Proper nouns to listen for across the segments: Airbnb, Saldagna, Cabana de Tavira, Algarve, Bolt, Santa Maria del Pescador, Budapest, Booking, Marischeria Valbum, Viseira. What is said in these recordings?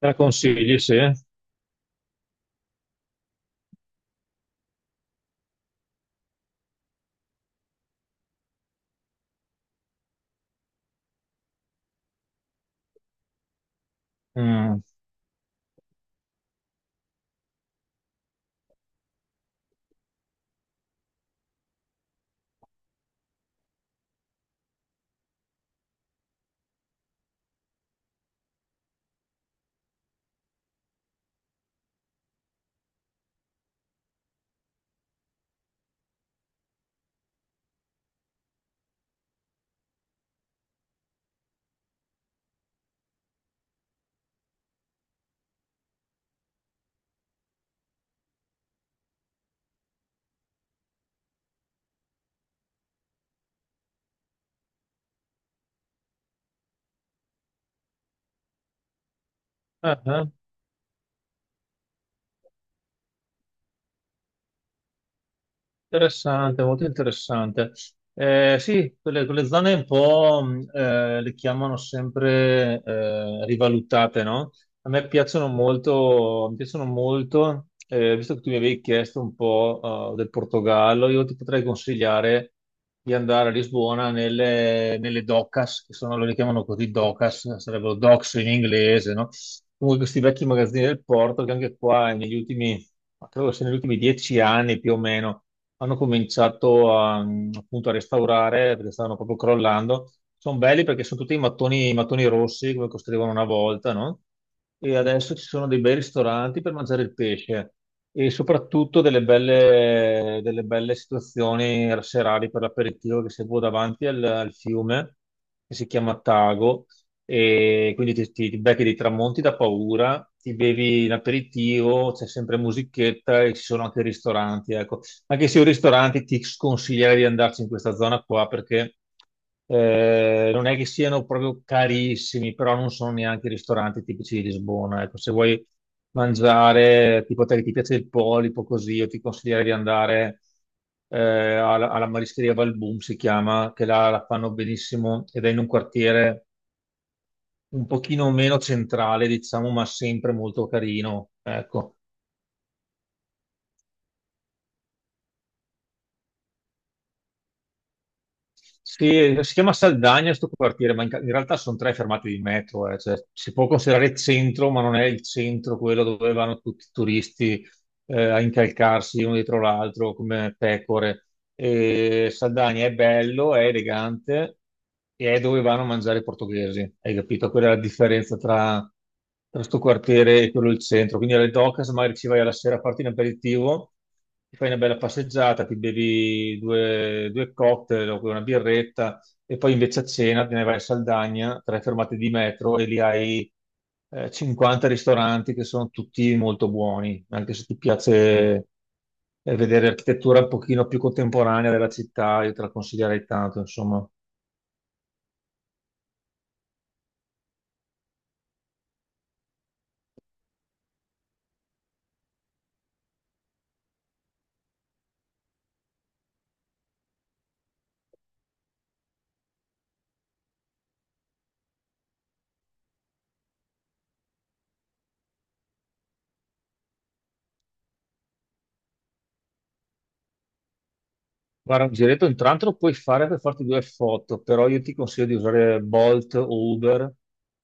Me la consigli, sì? Mm. Ah, ah. Interessante, molto interessante. Sì, quelle zone un po' le chiamano sempre rivalutate, no? A me piacciono molto, mi piacciono molto, visto che tu mi avevi chiesto un po' del Portogallo, io ti potrei consigliare di andare a Lisbona nelle docas, che sono, loro le chiamano così docas, sarebbero docks in inglese, no? Comunque questi vecchi magazzini del porto che anche qua negli ultimi, ma credo che sia negli ultimi 10 anni più o meno hanno cominciato appunto a restaurare perché stavano proprio crollando. Sono belli perché sono tutti i mattoni rossi come costruivano una volta, no? E adesso ci sono dei bei ristoranti per mangiare il pesce e soprattutto delle belle situazioni serali per l'aperitivo che si può davanti al fiume che si chiama Tago e quindi ti becchi dei tramonti da paura, ti bevi l'aperitivo, c'è sempre musichetta e ci sono anche ristoranti, ecco. Anche se io ristorante ti sconsiglierei di andarci in questa zona qua perché non è che siano proprio carissimi, però non sono neanche i ristoranti tipici di Lisbona. Ecco, se vuoi mangiare, tipo te che ti piace il polipo, così, io ti consiglierei di andare alla Marischeria Valbum, si chiama, che là la fanno benissimo ed è in un quartiere un pochino meno centrale, diciamo, ma sempre molto carino. Ecco. Sì, si chiama Saldagna sto quartiere, ma in realtà sono tre fermate di metro, cioè, si può considerare centro, ma non è il centro quello dove vanno tutti i turisti a incalcarsi uno dietro l'altro come pecore. E Saldagna è bello, è elegante e è dove vanno a mangiare i portoghesi, hai capito? Quella è la differenza tra questo quartiere e quello del centro. Quindi alle Docas magari ci vai alla sera a farti un aperitivo, ti fai una bella passeggiata, ti bevi due cocktail o una birretta e poi invece a cena te ne vai a Saldagna, tre fermate di metro e lì hai 50 ristoranti che sono tutti molto buoni, anche se ti piace vedere architettura un pochino più contemporanea della città, io te la consiglierei tanto, insomma. Guarda, un giretto intanto lo puoi fare per farti due foto, però io ti consiglio di usare Bolt o Uber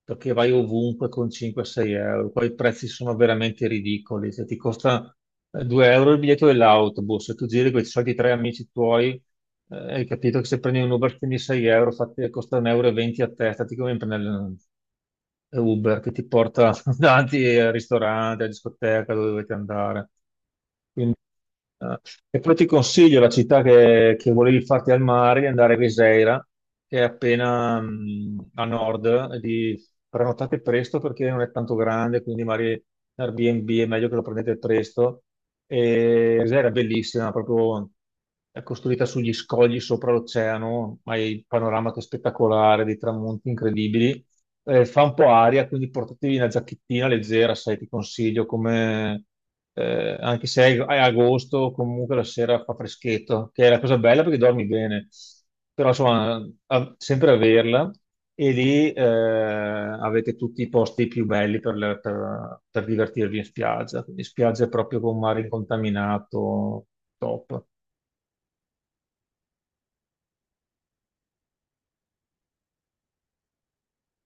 perché vai ovunque con 5-6 euro. Qua i prezzi sono veramente ridicoli, cioè ti costa 2 euro il biglietto dell'autobus, se tu giri con i soliti tre amici tuoi, hai capito che se prendi un Uber spendi 6 euro, costa 1,20 euro e venti a testa, ti conviene prendere Uber che ti porta davanti al ristorante, alla discoteca, dove dovete andare. Quindi, eh, e poi ti consiglio la città che volevi farti al mare, di andare a Viseira, che è appena a nord, e di prenotate presto perché non è tanto grande, quindi magari Airbnb è meglio che lo prendete presto. E Viseira è bellissima, proprio è costruita sugli scogli sopra l'oceano, ma hai il panorama che è spettacolare, dei tramonti incredibili. Eh, fa un po' aria, quindi portatevi una giacchettina leggera, sai, ti consiglio come... anche se è agosto, comunque la sera fa freschetto, che è la cosa bella perché dormi bene, però insomma, sempre averla. E lì avete tutti i posti più belli per, per divertirvi in spiaggia, quindi spiaggia proprio con mare incontaminato, top.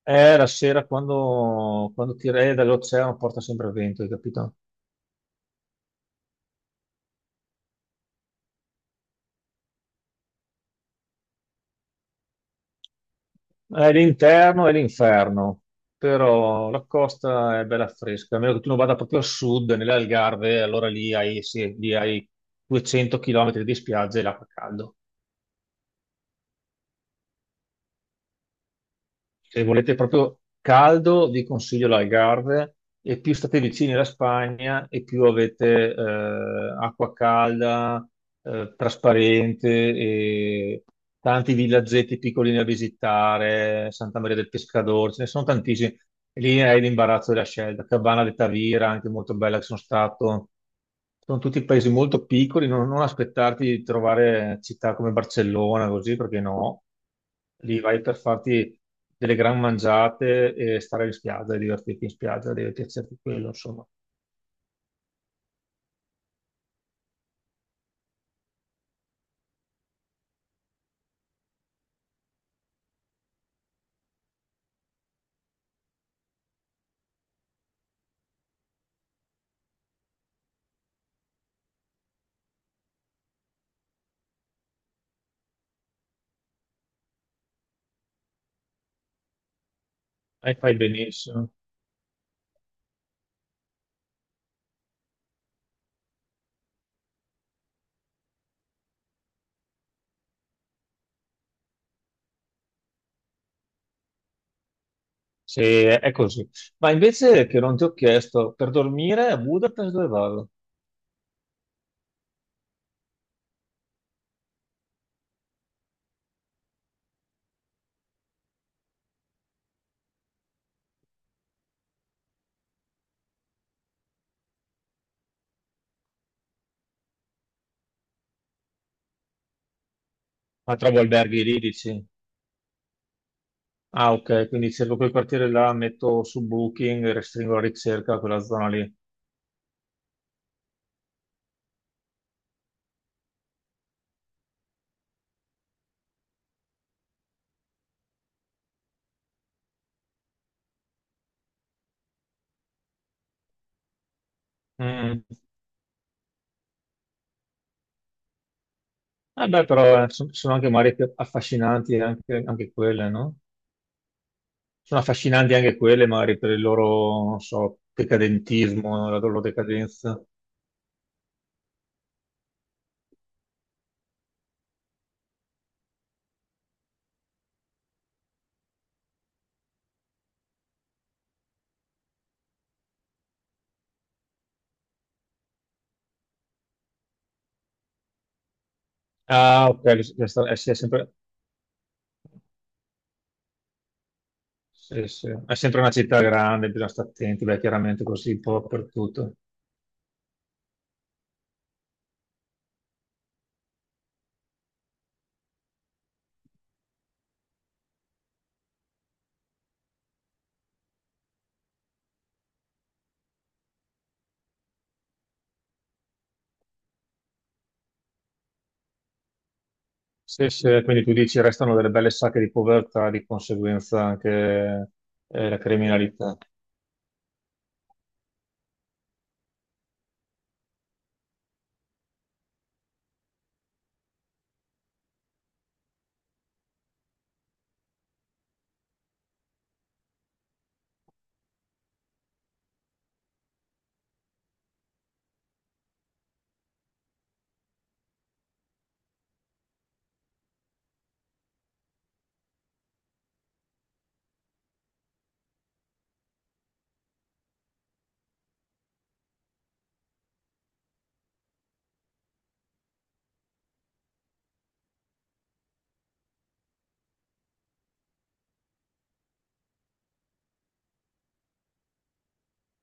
È la sera quando ti re dall'oceano porta sempre vento, hai capito? È l'interno e l'inferno, però la costa è bella fresca, a meno che tu non vada proprio a sud, nelle Algarve, allora lì hai, sì, lì hai 200 km di spiagge e l'acqua caldo. Se volete proprio caldo, vi consiglio l'Algarve e più state vicini alla Spagna e più avete acqua calda, trasparente e tanti villaggetti piccolini da visitare, Santa Maria del Pescador, ce ne sono tantissimi. E lì è l'imbarazzo della scelta. Cabana de Tavira, anche molto bella che sono stato. Sono tutti paesi molto piccoli, non, non aspettarti di trovare città come Barcellona, così, perché no. Lì vai per farti delle gran mangiate e stare in spiaggia, e divertirti in spiaggia, deve piacerti quello, insomma. E fai benissimo. Sì, è così. Ma invece che non ti ho chiesto, per dormire a Budapest dove vado? Ma trovo alberghi lì, dici? Ah, ok, quindi cerco quel quartiere là, metto su Booking, restringo la ricerca a quella zona lì. Mm. Però sono anche mari più affascinanti anche, anche quelle, no? Sono affascinanti anche quelle, magari per il loro, non so, decadentismo, la loro decadenza. È sempre, sì, sì. È sempre una città grande, bisogna stare attenti, beh, chiaramente così un po' dappertutto. Sì, sì, quindi tu dici restano delle belle sacche di povertà, di conseguenza anche la criminalità.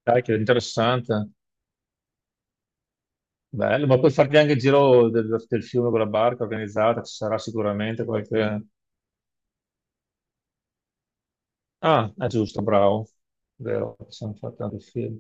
Dai, che interessante. Bello, ma puoi farti anche il giro del fiume con la barca organizzata, ci sarà sicuramente qualche... Ah, è giusto, bravo. Vero, ci siamo fatti anche il film.